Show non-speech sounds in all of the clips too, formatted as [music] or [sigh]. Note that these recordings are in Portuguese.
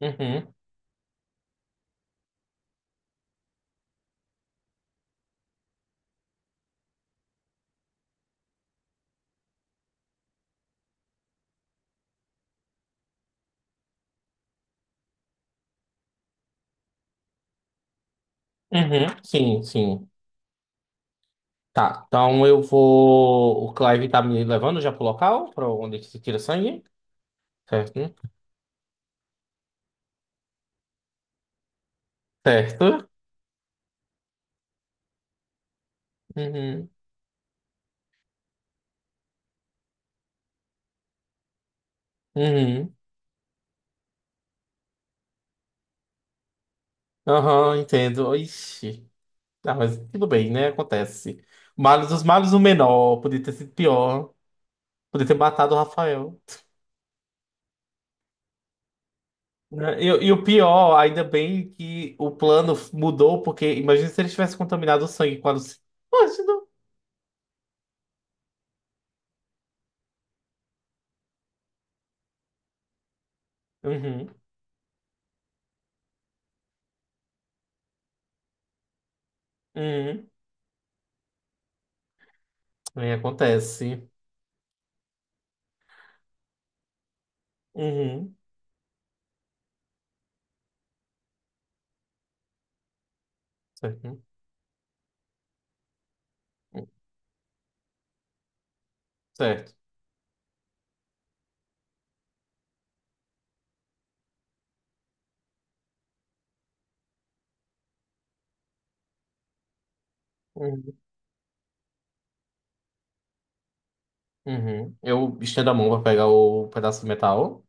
Uhum, uhum, sim, sim. Tá, então eu vou. O Clive tá me levando já pro local, pra onde que se tira sangue, certo? Né? Certo. Uhum, uhum. Aham, entendo. Ixi. Ah, mas tudo bem, né? Acontece. Males dos males, o menor. Podia ter sido pior. Podia ter matado o Rafael. Né? E o pior, ainda bem que o plano mudou, porque imagina se ele tivesse contaminado o sangue com a Luci-. Imagina. Uhum, uhum. É, acontece. Uhum. Certo. Certo. Uhum. Uhum. Eu estendo a mão para pegar o pedaço de metal.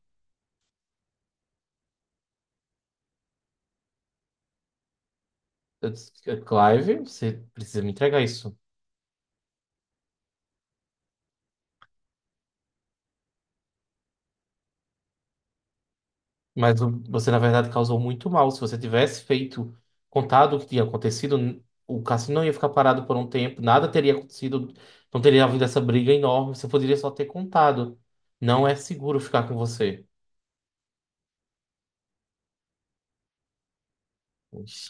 Eu disse, "É, Clive, você precisa me entregar isso." Mas você, na verdade, causou muito mal. Se você tivesse feito, contado o que tinha acontecido, o cassino não ia ficar parado por um tempo, nada teria acontecido, não teria havido essa briga enorme. Você poderia só ter contado. Não é seguro ficar com você. Ixi,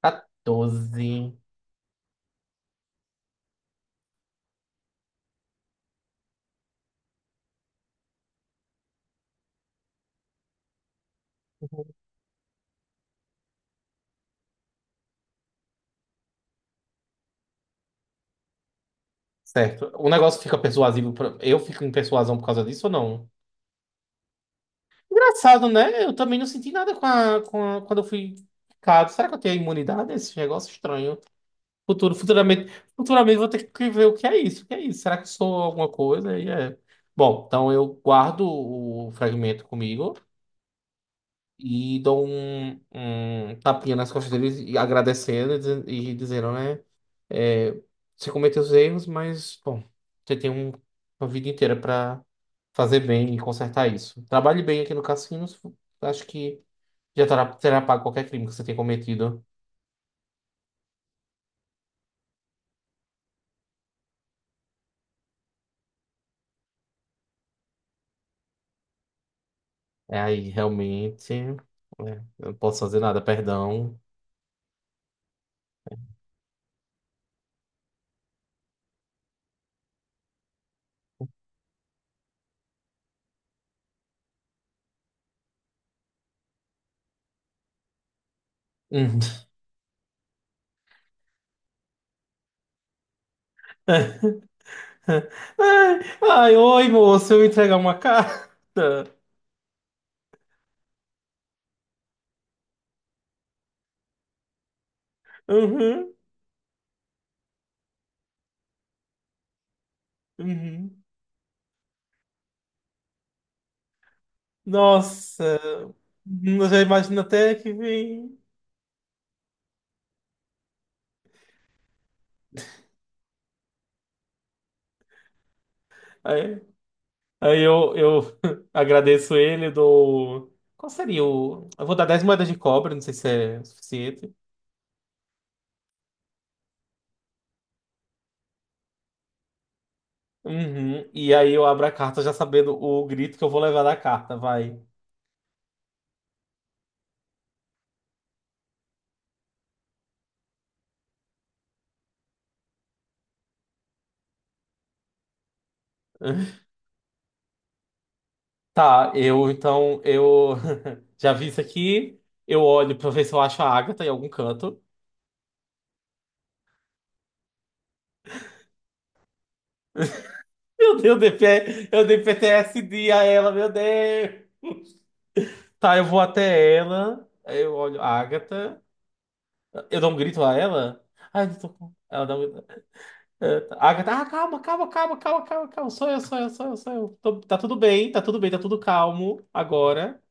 14. Certo. O negócio fica persuasivo. Eu fico em persuasão por causa disso ou não? Engraçado, né? Eu também não senti nada quando eu fui picado. Será que eu tenho imunidade a esse negócio estranho? Futuro, futuramente, futuramente vou ter que ver o que é isso, o que é isso. Será que eu sou alguma coisa? E é. Bom, então eu guardo o fragmento comigo e dou um tapinha nas costas deles e agradecendo e dizendo, né? é, Você cometeu os erros, mas, bom, você tem uma vida inteira para fazer bem e consertar isso. Trabalhe bem aqui no cassino, acho que. Já terá pago qualquer crime que você tenha cometido. É aí, realmente. Eu não posso fazer nada, perdão. Hum. [laughs] Ai, ai, oi, moço, eu entregar uma carta. Uhum, uhum. Nossa, eu já imagino até que vem. Aí, aí eu [laughs] agradeço ele, dou. Qual seria o. Eu vou dar 10 moedas de cobre, não sei se é suficiente. Uhum. E aí eu abro a carta já sabendo o grito que eu vou levar da carta, vai. Tá, eu [laughs] já vi isso aqui. Eu olho pra ver se eu acho a Agatha em algum canto. Meu Deus, eu dei PTSD a ela, meu Deus. Tá, eu vou até ela. Aí eu olho a Agatha. Eu dou um grito a ela. Ai, não tô com. Ela dá um grito. É, tá. Agatha, ah, calma, calma, calma, calma, calma, calma. Sou eu, sou eu, sou eu, sou eu. Tá tudo bem, tá tudo bem, tá tudo calmo agora.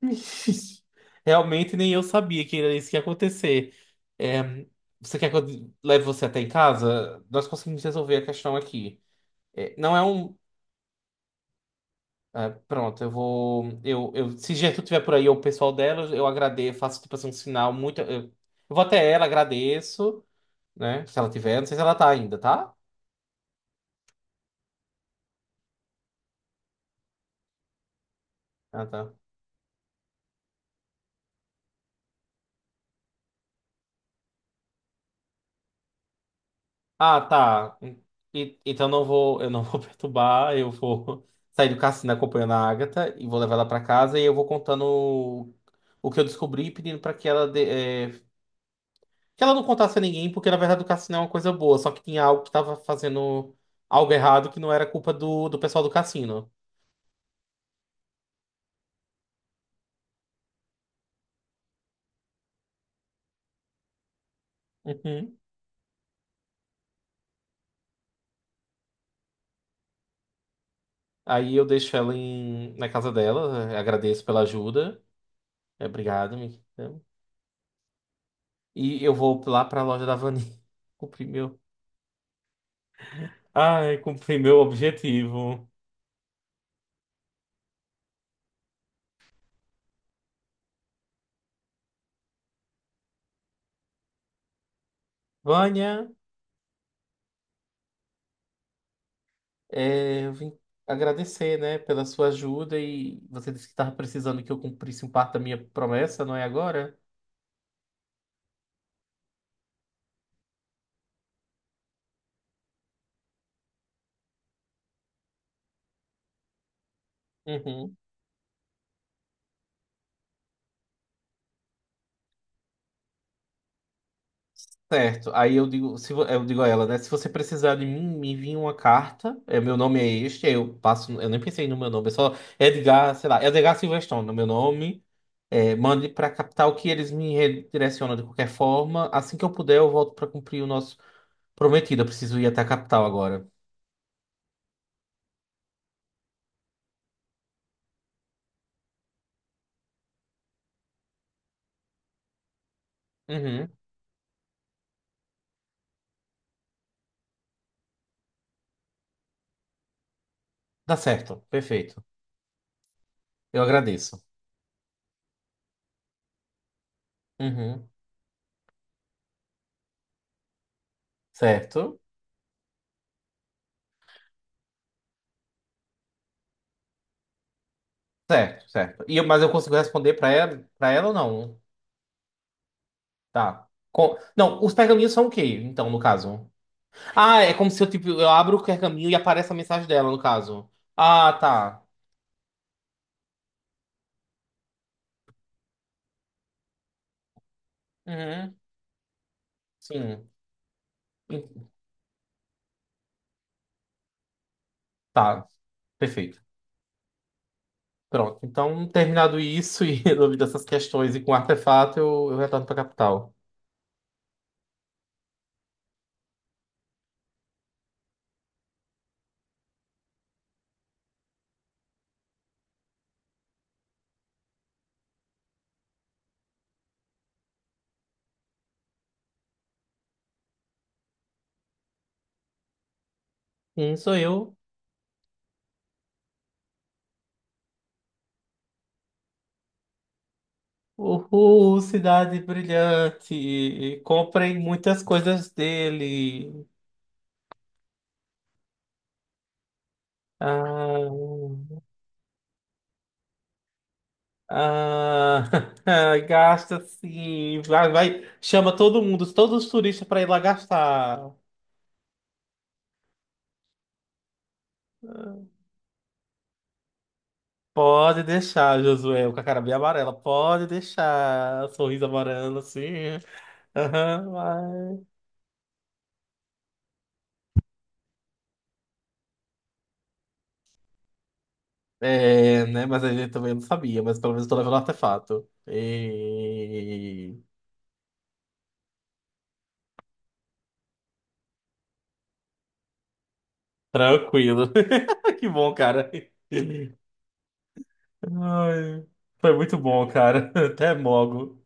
[laughs] Realmente nem eu sabia que era isso que ia acontecer. É, você quer que eu leve você até em casa? Nós conseguimos resolver a questão aqui. É, não é um. Pronto, eu vou. Eu, se Gertrude estiver por aí ou o pessoal dela, eu agradeço, faço tipo assim um sinal muito. Eu vou até ela, agradeço, né? Se ela tiver, não sei se ela tá ainda, tá? Ah, tá. Ah, tá. Então não vou, eu não [laughs] vou perturbar, eu vou sair do cassino acompanhando a Agatha e vou levar ela pra casa e eu vou contando o que eu descobri, pedindo pra que ela que ela não contasse a ninguém, porque na verdade o cassino é uma coisa boa, só que tinha algo que tava fazendo algo errado que não era culpa do pessoal do cassino. Uhum. Aí eu deixo ela na casa dela, agradeço pela ajuda. Obrigado, minha querida. E eu vou lá pra loja da Vani. [laughs] cumprir meu Ai, cumpri meu objetivo. Vânia, eu vim agradecer, né, pela sua ajuda e você disse que estava precisando que eu cumprisse um parte da minha promessa, não é agora? Uhum. Certo. Aí eu digo a ela, né, se você precisar de mim, me envie uma carta. Meu nome é este, aí eu passo, eu nem pensei no meu nome, é só Edgar, sei lá, Edgar Silverstone, no meu nome. Mande para a capital que eles me redirecionam de qualquer forma. Assim que eu puder, eu volto para cumprir o nosso prometido. Eu preciso ir até a capital agora. Uhum. Dá certo, perfeito. Eu agradeço. Uhum. Certo, certo, certo. E mas eu consigo responder pra ela, para ela ou não? Tá. Não, os pergaminhos são o quê, então, no caso? Ah, é como se eu, tipo, eu abro o pergaminho e aparece a mensagem dela, no caso. Ah, tá. Uhum. Sim. En- Tá, perfeito. Pronto. Então, terminado isso e [laughs] resolvido essas questões e com o artefato, eu retorno pra capital. Sim, sou eu. Uhul, cidade brilhante. Comprem muitas coisas dele. Ah, ah, [laughs] gasta sim. Vai, vai. Chama todo mundo, todos os turistas para ir lá gastar. Pode deixar, Josué, com a cara bem amarela. Pode deixar. Sorriso amarelo, assim. Aham, vai. É, né? Mas a gente também não sabia, mas pelo menos eu tô levando artefato. E... Tranquilo. [laughs] Que bom, cara. Ai, foi muito bom, cara. [laughs] Até mogo.